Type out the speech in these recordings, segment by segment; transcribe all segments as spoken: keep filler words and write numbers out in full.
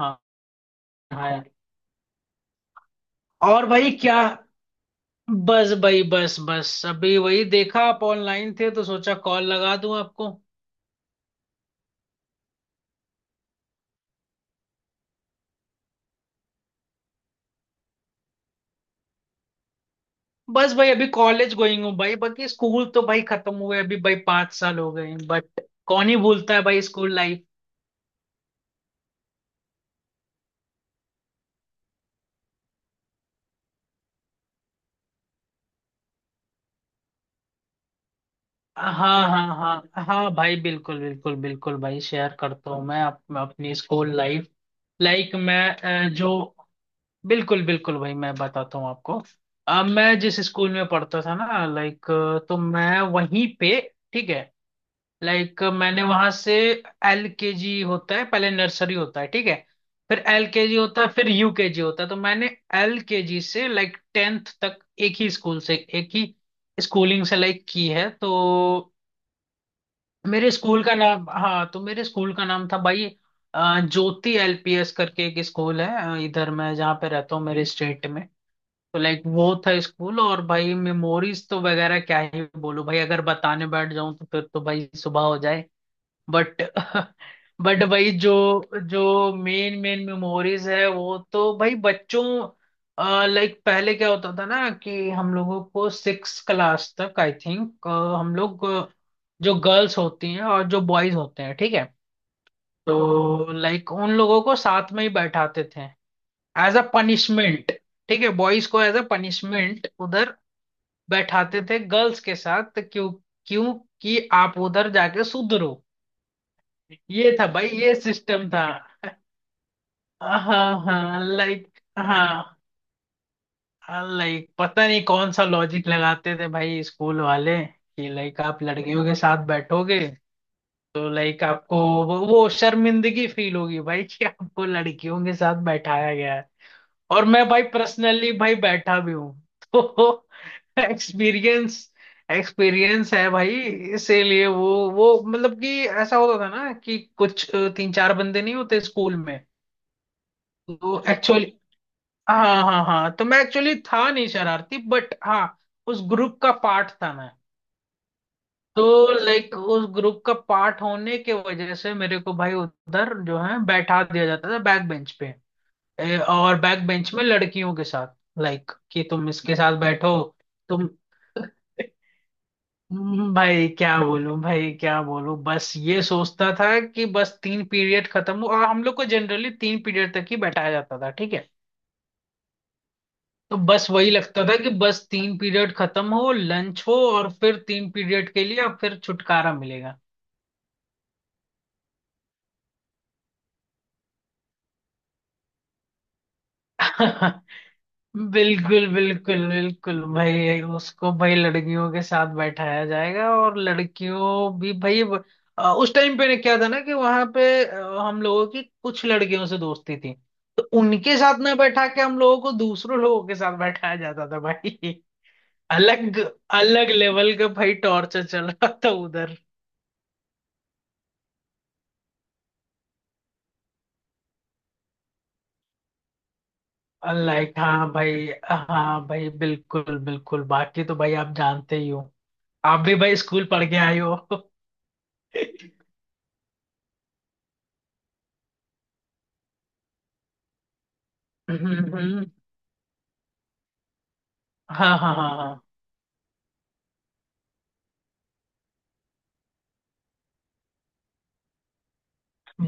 हाँ हाँ यार। और भाई, क्या? बस भाई, बस बस अभी वही देखा, आप ऑनलाइन थे तो सोचा कॉल लगा दूं आपको। बस भाई, अभी कॉलेज गोइंग हूँ भाई। बाकी स्कूल तो भाई खत्म हुए, अभी भाई पांच साल हो गए, बट कौन ही भूलता है भाई स्कूल लाइफ। हाँ हाँ हाँ हाँ भाई, बिल्कुल बिल्कुल बिल्कुल भाई, शेयर करता हूँ मैं अप, अपनी स्कूल लाइफ। लाइक मैं अ, जो, बिल्कुल बिल्कुल भाई, मैं बताता हूँ आपको। अ, मैं जिस स्कूल में पढ़ता था ना लाइक, तो मैं वहीं पे। ठीक है। लाइक मैंने वहां से, एल के जी होता है पहले, नर्सरी होता है ठीक है, फिर एल के जी होता है, फिर यू के जी होता है, तो मैंने एल के जी से लाइक टेंथ तक एक ही स्कूल से, एक ही स्कूलिंग से लाइक की है। तो मेरे स्कूल का नाम, हाँ, तो मेरे स्कूल का नाम था भाई अ, ज्योति एल पी एस करके एक स्कूल है अ, इधर, मैं जहाँ पे रहता हूँ मेरे स्टेट में। तो लाइक वो था स्कूल। और भाई मेमोरीज तो वगैरह क्या ही बोलूं भाई, अगर बताने बैठ जाऊं तो फिर तो भाई सुबह हो जाए। बट बट भाई जो जो मेन मेन मेमोरीज है, वो तो भाई बच्चों, लाइक पहले क्या होता था ना, कि हम लोगों को सिक्स क्लास तक, आई थिंक, हम लोग अ, जो गर्ल्स होती हैं और जो बॉयज होते हैं, ठीक है, तो लाइक उन लोगों को साथ में ही बैठाते थे एज अ पनिशमेंट। ठीक है, बॉयज को एज अ पनिशमेंट उधर बैठाते थे गर्ल्स के साथ। तो क्यों? क्यों कि आप उधर जाके सुधरो। ये था भाई, ये सिस्टम था। हाँ हाँ, लाइक हाँ, लाइक पता नहीं कौन सा लॉजिक लगाते थे भाई स्कूल वाले, कि लाइक आप लड़कियों के साथ बैठोगे तो लाइक आपको वो, वो शर्मिंदगी फील होगी भाई, कि आपको लड़कियों के साथ बैठाया। और मैं भाई, पर्सनली भाई, बैठा भी हूँ। तो एक्सपीरियंस एक्सपीरियंस है भाई। इसीलिए वो वो मतलब, कि ऐसा होता था ना, कि कुछ अ, तीन चार बंदे नहीं होते स्कूल में? तो एक्चुअली, हाँ हाँ हाँ, तो मैं एक्चुअली था नहीं शरारती, बट हाँ, उस ग्रुप का पार्ट था मैं। तो लाइक उस ग्रुप का पार्ट होने के वजह से मेरे को भाई उधर जो है बैठा दिया जाता था बैक बेंच पे। ए, और बैक बेंच में लड़कियों के साथ, लाइक कि तुम इसके साथ बैठो। तुम हम्म, भाई क्या बोलूं भाई क्या बोलूं, बस ये सोचता था कि बस तीन पीरियड खत्म हो। और हम लोग को जनरली तीन पीरियड तक ही बैठाया जाता था, ठीक है। तो बस वही लगता था कि बस तीन पीरियड खत्म हो, लंच हो, और फिर तीन पीरियड के लिए, और फिर छुटकारा मिलेगा। बिल्कुल बिल्कुल बिल्कुल भाई, उसको भाई लड़कियों के साथ बैठाया जाएगा। और लड़कियों भी भाई ब- अ, उस टाइम पे ने क्या था ना, कि वहां पे अ, हम लोगों की कुछ लड़कियों से दोस्ती थी, तो उनके साथ ना बैठा के हम लोगों को दूसरों लोगों के साथ बैठाया जाता था भाई। अलग अलग लेवल का भाई टॉर्चर चल रहा था उधर। लाइक हाँ भाई, हाँ भाई, बिल्कुल बिल्कुल। बाकी तो भाई आप जानते ही हो, आप भी भाई स्कूल पढ़ के आए हो। हाँ हाँ हाँ हाँ,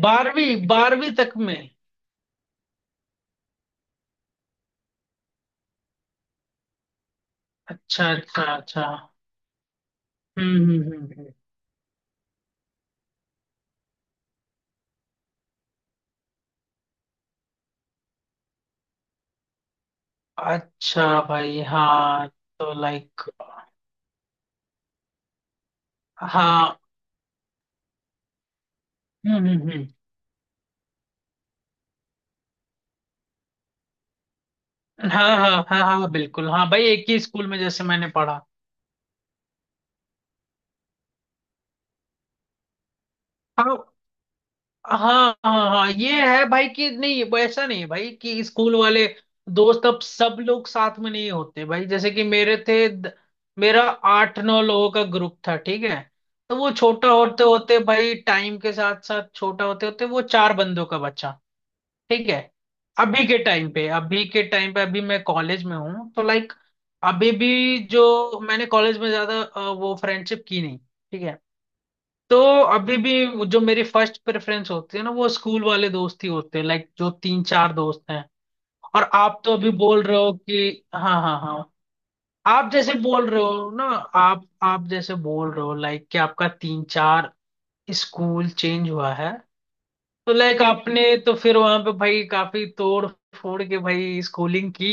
बारहवीं बारहवीं तक में। अच्छा अच्छा अच्छा। हम्म हम्म हम्म हम्म। अच्छा भाई हाँ। तो लाइक हाँ। हम्म हम्म हम्म। हाँ हाँ हाँ हाँ बिल्कुल, हाँ भाई, एक ही स्कूल में जैसे मैंने पढ़ा। हाँ हाँ हाँ हाँ, ये है भाई कि, नहीं वो ऐसा नहीं है भाई कि स्कूल वाले दोस्त अब सब लोग साथ में नहीं होते भाई। जैसे कि मेरे थे द- मेरा आठ नौ लोगों का ग्रुप था, ठीक है। तो वो छोटा होते होते भाई, टाइम के साथ साथ छोटा होते होते, वो चार बंदों का बच्चा, ठीक है। अभी के टाइम पे अभी के टाइम पे अभी मैं कॉलेज में हूँ, तो लाइक अभी भी जो मैंने कॉलेज में ज्यादा अ, वो फ्रेंडशिप की नहीं, ठीक है। तो अभी भी जो मेरी फर्स्ट प्रेफरेंस होती है ना, वो स्कूल वाले दोस्त ही होते हैं, लाइक जो तीन चार दोस्त हैं। और आप तो अभी बोल रहे हो कि, हाँ हाँ हाँ, आप जैसे बोल रहे हो ना, आप आप जैसे बोल रहे हो लाइक कि आपका तीन चार स्कूल चेंज हुआ है। तो लाइक आपने तो फिर वहां पे भाई काफी तोड़ फोड़ के भाई स्कूलिंग की।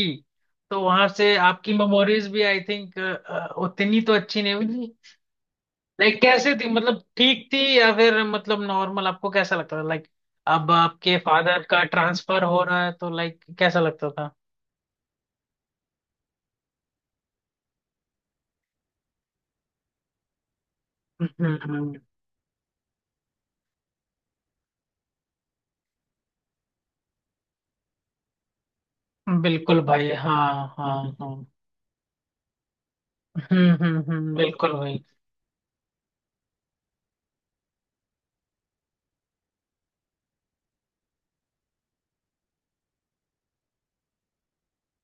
तो वहां से आपकी मेमोरीज भी, आई थिंक, उतनी तो अच्छी नहीं हुई। लाइक कैसे थी, मतलब ठीक थी, या फिर मतलब नॉर्मल आपको कैसा लगता था? लाइक अब आपके फादर का ट्रांसफर हो रहा है तो लाइक कैसा लगता था? हम्म हम्म, बिल्कुल भाई। हाँ हाँ हाँ। हम्म हम्म हम्म, बिल्कुल भाई।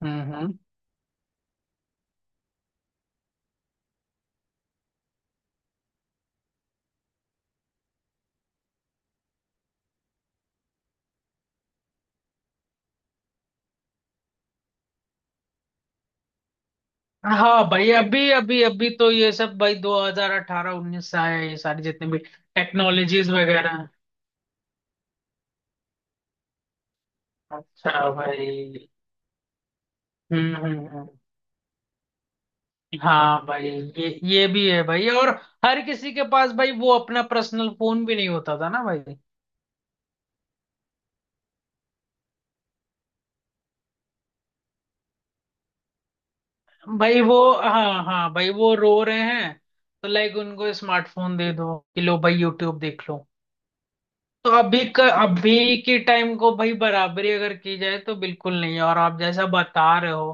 हम्म हम्म। हाँ भाई, अभी अभी अभी तो ये सब भाई ट्वेंटी एटीन नाइन्टीन से आया है, ये सारी जितने भी टेक्नोलॉजीज वगैरह। अच्छा भाई। हम्म हम्म हम्म। हाँ भाई, ये ये भी है भाई, और हर किसी के पास भाई वो अपना पर्सनल फोन भी नहीं होता था ना भाई। भाई वो, हाँ हाँ भाई, वो रो रहे हैं, तो लाइक उनको स्मार्टफोन दे दो कि लो भाई यूट्यूब देख लो। तो अभी क, अभी के टाइम को भाई बराबरी अगर की जाए तो बिल्कुल नहीं है। और आप जैसा बता रहे हो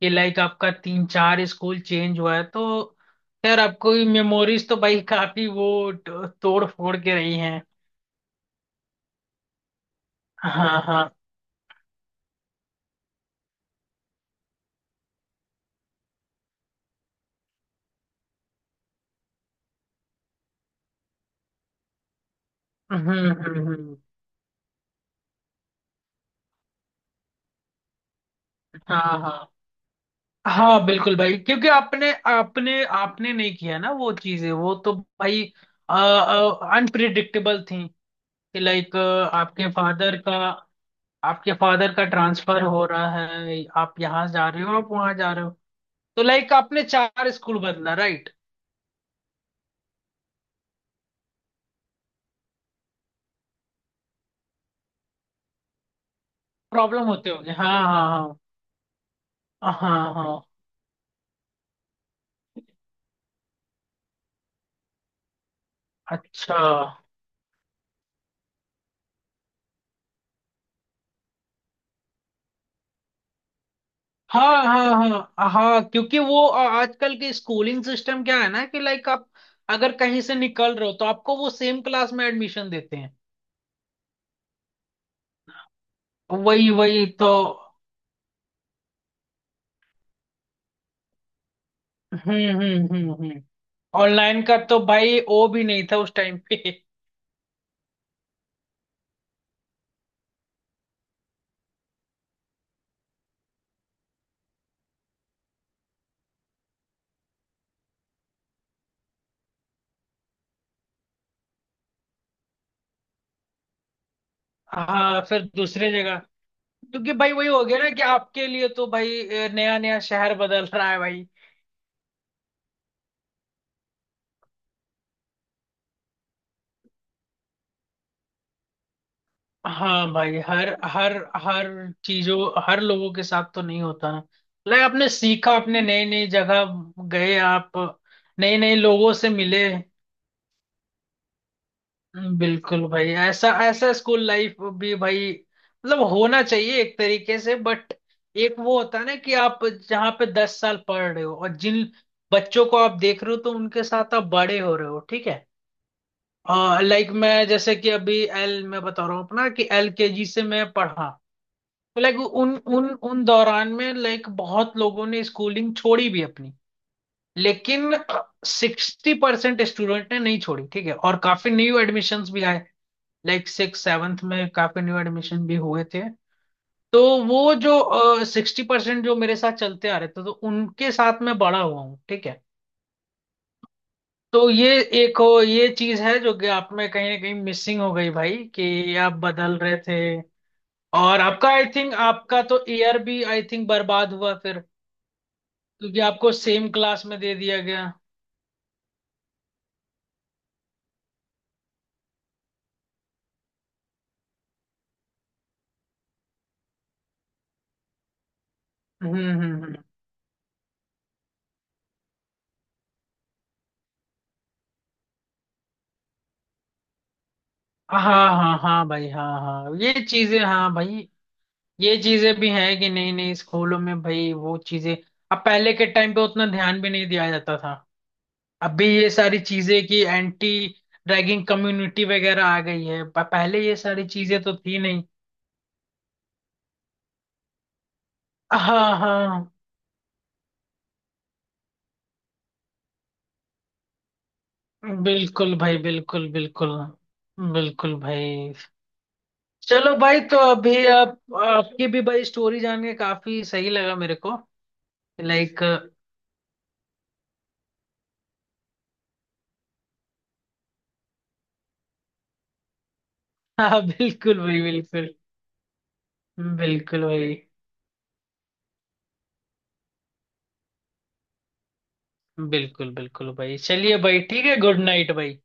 कि लाइक आपका तीन चार स्कूल चेंज हुआ है, तो यार आपको मेमोरीज तो भाई काफी वो तोड़ फोड़ के रही हैं। हाँ हाँ। हम्म हम्म हम्म। हाँ हाँ हाँ बिल्कुल भाई, क्योंकि आपने आपने आपने नहीं किया ना वो चीजें। वो तो भाई अनप्रिडिक्टेबल थी, कि लाइक आपके फादर का आपके फादर का ट्रांसफर हो रहा है, आप यहाँ जा रहे हो, आप वहां जा रहे हो। तो लाइक आपने चार स्कूल बदला, राइट? प्रॉब्लम होते होंगे, हाँ हाँ। हाँ हाँ हाँ हाँ। अच्छा। हाँ हाँ हाँ हाँ, क्योंकि वो अ, आजकल के स्कूलिंग सिस्टम क्या है ना, कि लाइक आप अगर कहीं से निकल रहे हो तो आपको वो सेम क्लास में एडमिशन देते हैं। वही वही तो। हम्म हम्म हम्म हम्म। ऑनलाइन का तो भाई ओ भी नहीं था उस टाइम पे। हाँ, फिर दूसरे जगह, क्योंकि भाई वही हो गया ना कि आपके लिए तो भाई नया नया शहर बदल रहा है भाई। हाँ भाई, हर हर हर चीजों, हर लोगों के साथ तो नहीं होता ना। लाइक आपने सीखा, आपने नई नई जगह गए, आप नए नए लोगों से मिले। हम्म, बिल्कुल भाई, ऐसा ऐसा स्कूल लाइफ भी भाई मतलब होना चाहिए एक तरीके से। बट एक वो होता है ना कि आप जहाँ पे दस साल पढ़ रहे हो और जिन बच्चों को आप देख रहे हो, तो उनके साथ आप बड़े हो रहे हो, ठीक है। लाइक मैं जैसे कि अभी एल मैं बता रहा हूँ अपना कि एल के जी से मैं पढ़ा, लाइक उन उन उन दौरान में लाइक बहुत लोगों ने स्कूलिंग छोड़ी भी अपनी। लेकिन सिक्सटी परसेंट स्टूडेंट ने नहीं छोड़ी, ठीक है, और काफी न्यू एडमिशन्स भी आए, लाइक सिक्स सेवन्थ में काफी न्यू एडमिशन भी हुए थे। तो वो जो सिक्सटी uh, परसेंट जो मेरे साथ चलते आ रहे थे, तो उनके साथ मैं बड़ा हुआ हूँ, ठीक है। तो ये एक हो ये चीज है जो कि आप में कहीं ना कहीं मिसिंग हो गई भाई, कि आप बदल रहे थे। और आपका, आई थिंक, आपका तो ईयर भी आई थिंक बर्बाद हुआ फिर, क्योंकि आपको सेम क्लास में दे दिया गया। हम्म हम्म हम्म। हाँ हाँ हाँ भाई, हाँ हाँ, ये चीजें हाँ भाई, ये चीजें भी हैं कि नहीं नहीं स्कूलों में भाई वो चीजें, अब पहले के टाइम पे उतना ध्यान भी नहीं दिया जाता था। अभी ये सारी चीजें कि एंटी रैगिंग कम्युनिटी वगैरह आ गई है, प- पहले ये सारी चीजें तो थी नहीं। हाँ हाँ, बिल्कुल भाई बिल्कुल बिल्कुल। बिल्कुल भाई, चलो भाई, तो अभी आप, आपकी भी भाई स्टोरी जान के काफी सही लगा मेरे को। लाइक हाँ बिल्कुल भाई, बिल्कुल बिल्कुल भाई, बिल्कुल बिल्कुल भाई, चलिए भाई, ठीक है, गुड नाइट भाई।